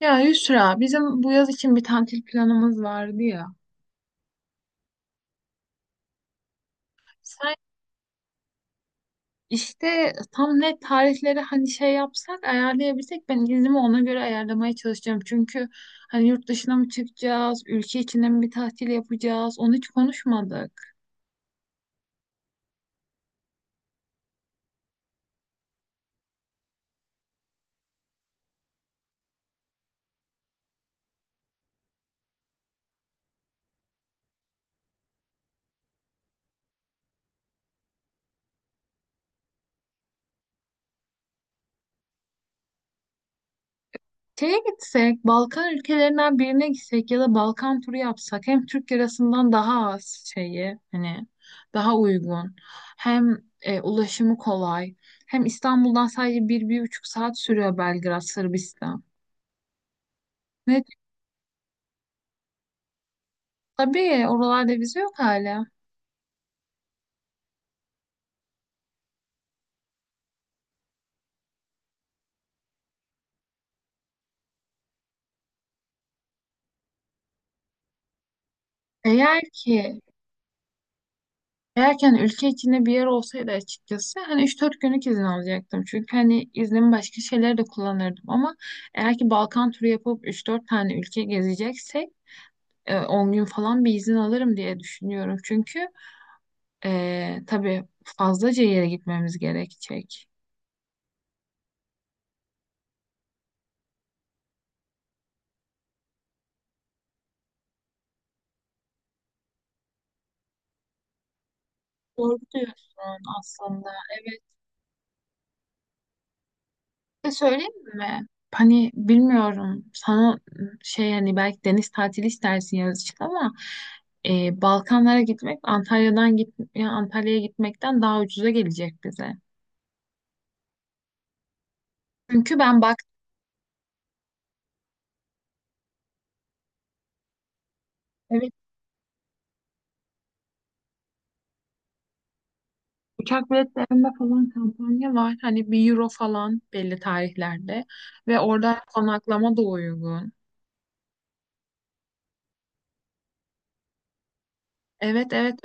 Ya Yusra, bizim bu yaz için bir tatil planımız vardı ya. Sen işte tam net tarihleri hani şey yapsak, ayarlayabilsek ben iznimi ona göre ayarlamaya çalışacağım. Çünkü hani yurt dışına mı çıkacağız, ülke içinde mi bir tatil yapacağız, onu hiç konuşmadık. Şeye gitsek, Balkan ülkelerinden birine gitsek ya da Balkan turu yapsak hem Türk lirasından daha az şeyi hani daha uygun, hem ulaşımı kolay, hem İstanbul'dan sadece 1, 1,5 saat sürüyor Belgrad Sırbistan. Ve tabii oralarda vize yok hala. Eğer ki eğer ki hani ülke içinde bir yer olsaydı, açıkçası hani 3-4 günlük izin alacaktım. Çünkü hani iznimi başka şeylere de kullanırdım, ama eğer ki Balkan turu yapıp üç dört tane ülke gezeceksek 10 gün falan bir izin alırım diye düşünüyorum. Çünkü tabii fazlaca yere gitmemiz gerekecek. Doğru diyorsun aslında. Evet. Bir de söyleyeyim mi? Hani bilmiyorum sana, şey hani belki deniz tatili istersin yaz için, ama Balkanlara gitmek Antalya'ya gitmekten daha ucuza gelecek bize. Çünkü ben bak, uçak biletlerinde falan kampanya var. Hani 1 euro falan belli tarihlerde. Ve orada konaklama da uygun. Evet, evet.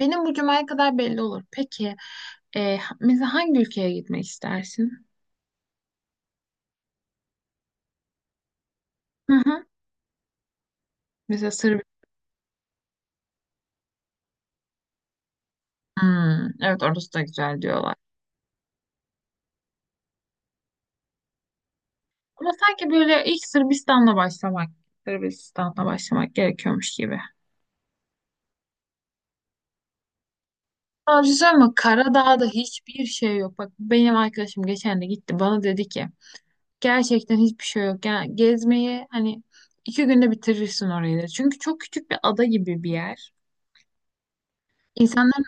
Benim bu cumaya kadar belli olur. Peki mesela hangi ülkeye gitmek istersin? Hı hı. Mesela Sırbistan. Evet, orası da güzel diyorlar. Ama sanki böyle ilk Sırbistan'la başlamak, Sırbistan'la başlamak gerekiyormuş gibi. Ama bir şey söyleyeyim mi? Karadağ'da hiçbir şey yok. Bak, benim arkadaşım geçen de gitti. Bana dedi ki gerçekten hiçbir şey yok. Yani gezmeyi hani 2 günde bitirirsin orayı da. Çünkü çok küçük bir ada gibi bir yer. İnsanlar,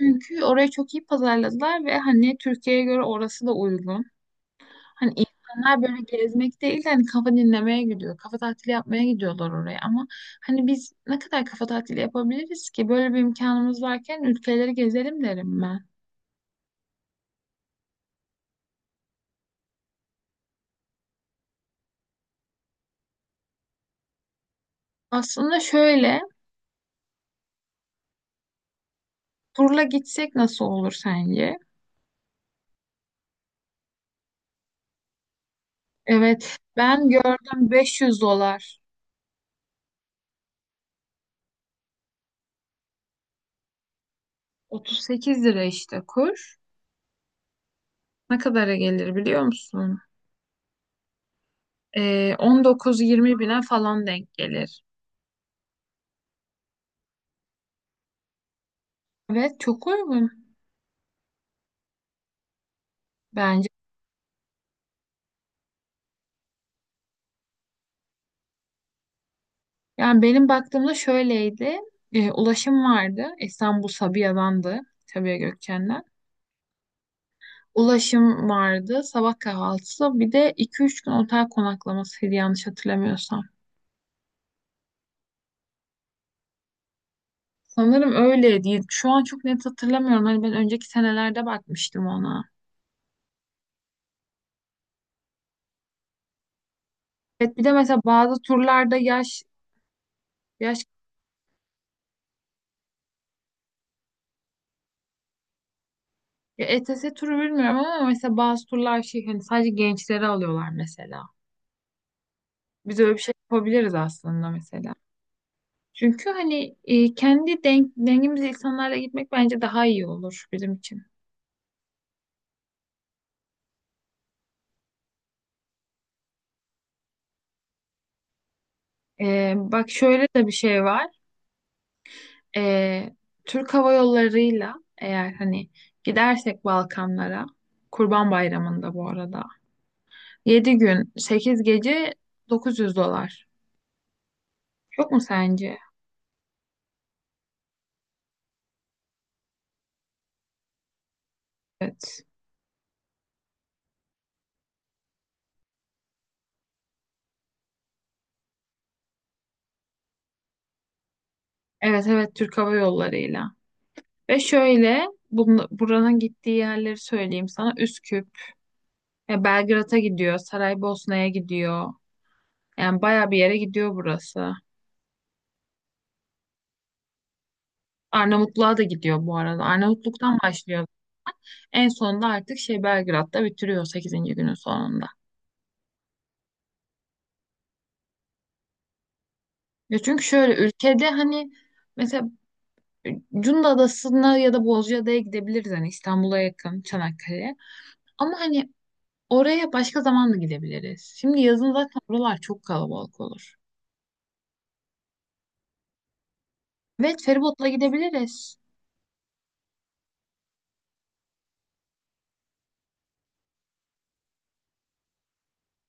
çünkü orayı çok iyi pazarladılar ve hani Türkiye'ye göre orası da uygun. Hani insanlar böyle gezmek değil de hani kafa dinlemeye gidiyor. Kafa tatili yapmaya gidiyorlar oraya, ama hani biz ne kadar kafa tatili yapabiliriz ki? Böyle bir imkanımız varken ülkeleri gezelim derim ben. Aslında şöyle, turla gitsek nasıl olur sence? Evet, ben gördüm 500 dolar. 38 lira işte kur. Ne kadara gelir biliyor musun? 19-20 bine falan denk gelir. Evet, çok uygun bence. Yani benim baktığımda şöyleydi. Ulaşım vardı. İstanbul Sabiha'dandı. Sabiha Gökçen'den. Ulaşım vardı. Sabah kahvaltısı. Bir de 2-3 gün otel konaklamasıydı, yanlış hatırlamıyorsam. Sanırım öyleydi. Şu an çok net hatırlamıyorum. Hani ben önceki senelerde bakmıştım ona. Evet, bir de mesela bazı turlarda yaş, yaş ya ETS turu bilmiyorum, ama mesela bazı turlar şey hani sadece gençleri alıyorlar mesela. Biz öyle bir şey yapabiliriz aslında mesela. Çünkü hani kendi dengimiz insanlarla gitmek bence daha iyi olur bizim için. Bak şöyle de bir şey var. E, Türk Hava Yolları'yla eğer hani gidersek Balkanlara, Kurban Bayramı'nda bu arada, 7 gün 8 gece 900 dolar. Çok mu sence? Evet. Evet, evet, Türk Hava Yolları'yla. Ve şöyle, buranın gittiği yerleri söyleyeyim sana. Üsküp, Belgrad'a gidiyor, Saraybosna'ya gidiyor. Yani bayağı bir yere gidiyor burası. Arnavutluğa da gidiyor bu arada. Arnavutluk'tan başlıyor. En sonunda artık şey Belgrad'da bitiriyor, sekizinci günün sonunda. Ya, çünkü şöyle, ülkede hani mesela Cunda Adası'na ya da Bozcaada'ya gidebiliriz, hani İstanbul'a yakın, Çanakkale'ye. Ama hani oraya başka zaman da gidebiliriz. Şimdi yazın zaten oralar çok kalabalık olur. Evet, feribotla gidebiliriz.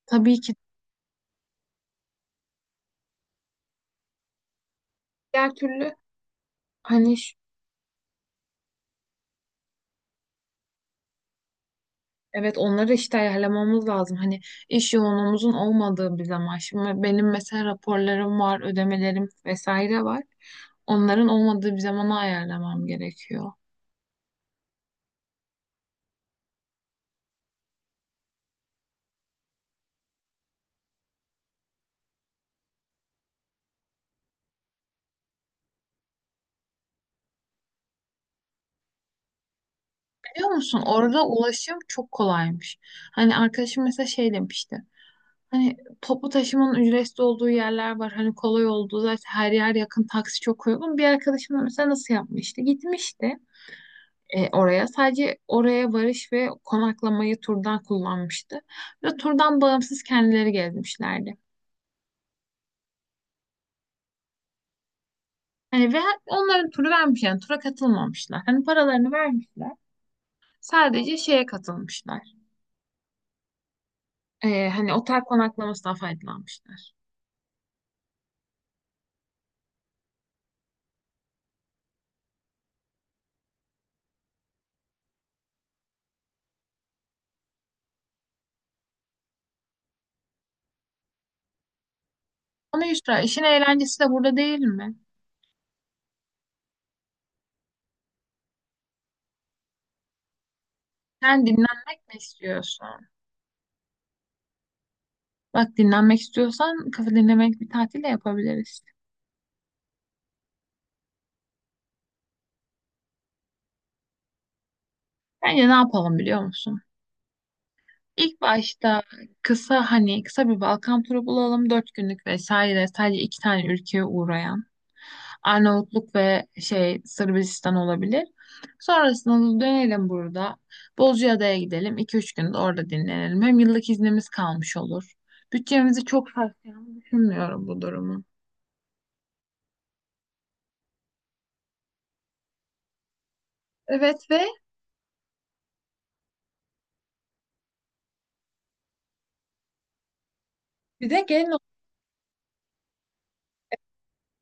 Tabii ki. Diğer türlü hani evet, onları işte ayarlamamız lazım. Hani iş yoğunluğumuzun olmadığı bir zaman. Şimdi benim mesela raporlarım var, ödemelerim vesaire var. Onların olmadığı bir zamana ayarlamam gerekiyor. Biliyor musun, orada ulaşım çok kolaymış. Hani arkadaşım mesela şey demişti. Hani toplu taşımanın ücretsiz olduğu yerler var. Hani kolay olduğu, zaten her yer yakın, taksi çok uygun. Bir arkadaşım da mesela nasıl yapmıştı? Gitmişti oraya. Sadece oraya varış ve konaklamayı turdan kullanmıştı. Ve turdan bağımsız kendileri gelmişlerdi. Hani ve onların turu vermiş, yani tura katılmamışlar. Hani paralarını vermişler. Sadece şeye katılmışlar. Hani otel konaklamasından faydalanmışlar. Ama Yusra, işin eğlencesi de burada değil mi? Sen dinlenmek mi istiyorsun? Bak, dinlenmek istiyorsan kafa dinlemek bir tatil de yapabiliriz. Bence ne yapalım biliyor musun? İlk başta kısa, hani kısa bir Balkan turu bulalım. 4 günlük vesaire, sadece iki tane ülkeye uğrayan. Arnavutluk ve şey Sırbistan olabilir. Sonrasında da dönelim burada. Bozcaada'ya gidelim. 2-3 gün de orada dinlenelim. Hem yıllık iznimiz kalmış olur. Bütçemizi çok sarsacağını düşünmüyorum bu durumu. Evet, ve bir de gelin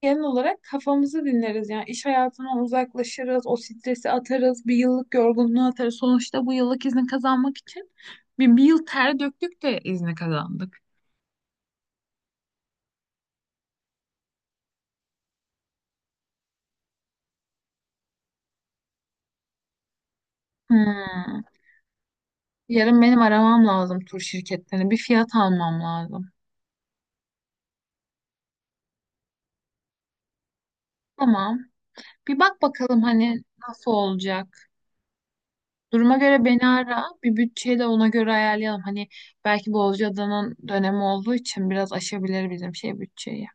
genel olarak kafamızı dinleriz. Yani iş hayatından uzaklaşırız, o stresi atarız, bir yıllık yorgunluğu atarız. Sonuçta bu yıllık izni kazanmak için bir yıl ter döktük de izni kazandık. Hmm. Yarın benim aramam lazım tur şirketlerini. Bir fiyat almam lazım. Tamam. Bir bak bakalım hani nasıl olacak. Duruma göre beni ara. Bir bütçeyi de ona göre ayarlayalım. Hani belki Bozcaada'nın dönemi olduğu için biraz aşabilir bizim şey bütçeyi.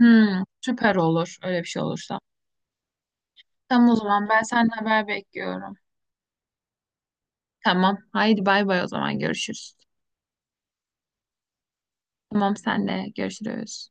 Hmm, süper olur. Öyle bir şey olursa. Tamam, o zaman ben senden haber bekliyorum. Tamam. Haydi bay bay, o zaman görüşürüz. Tamam, senle görüşürüz.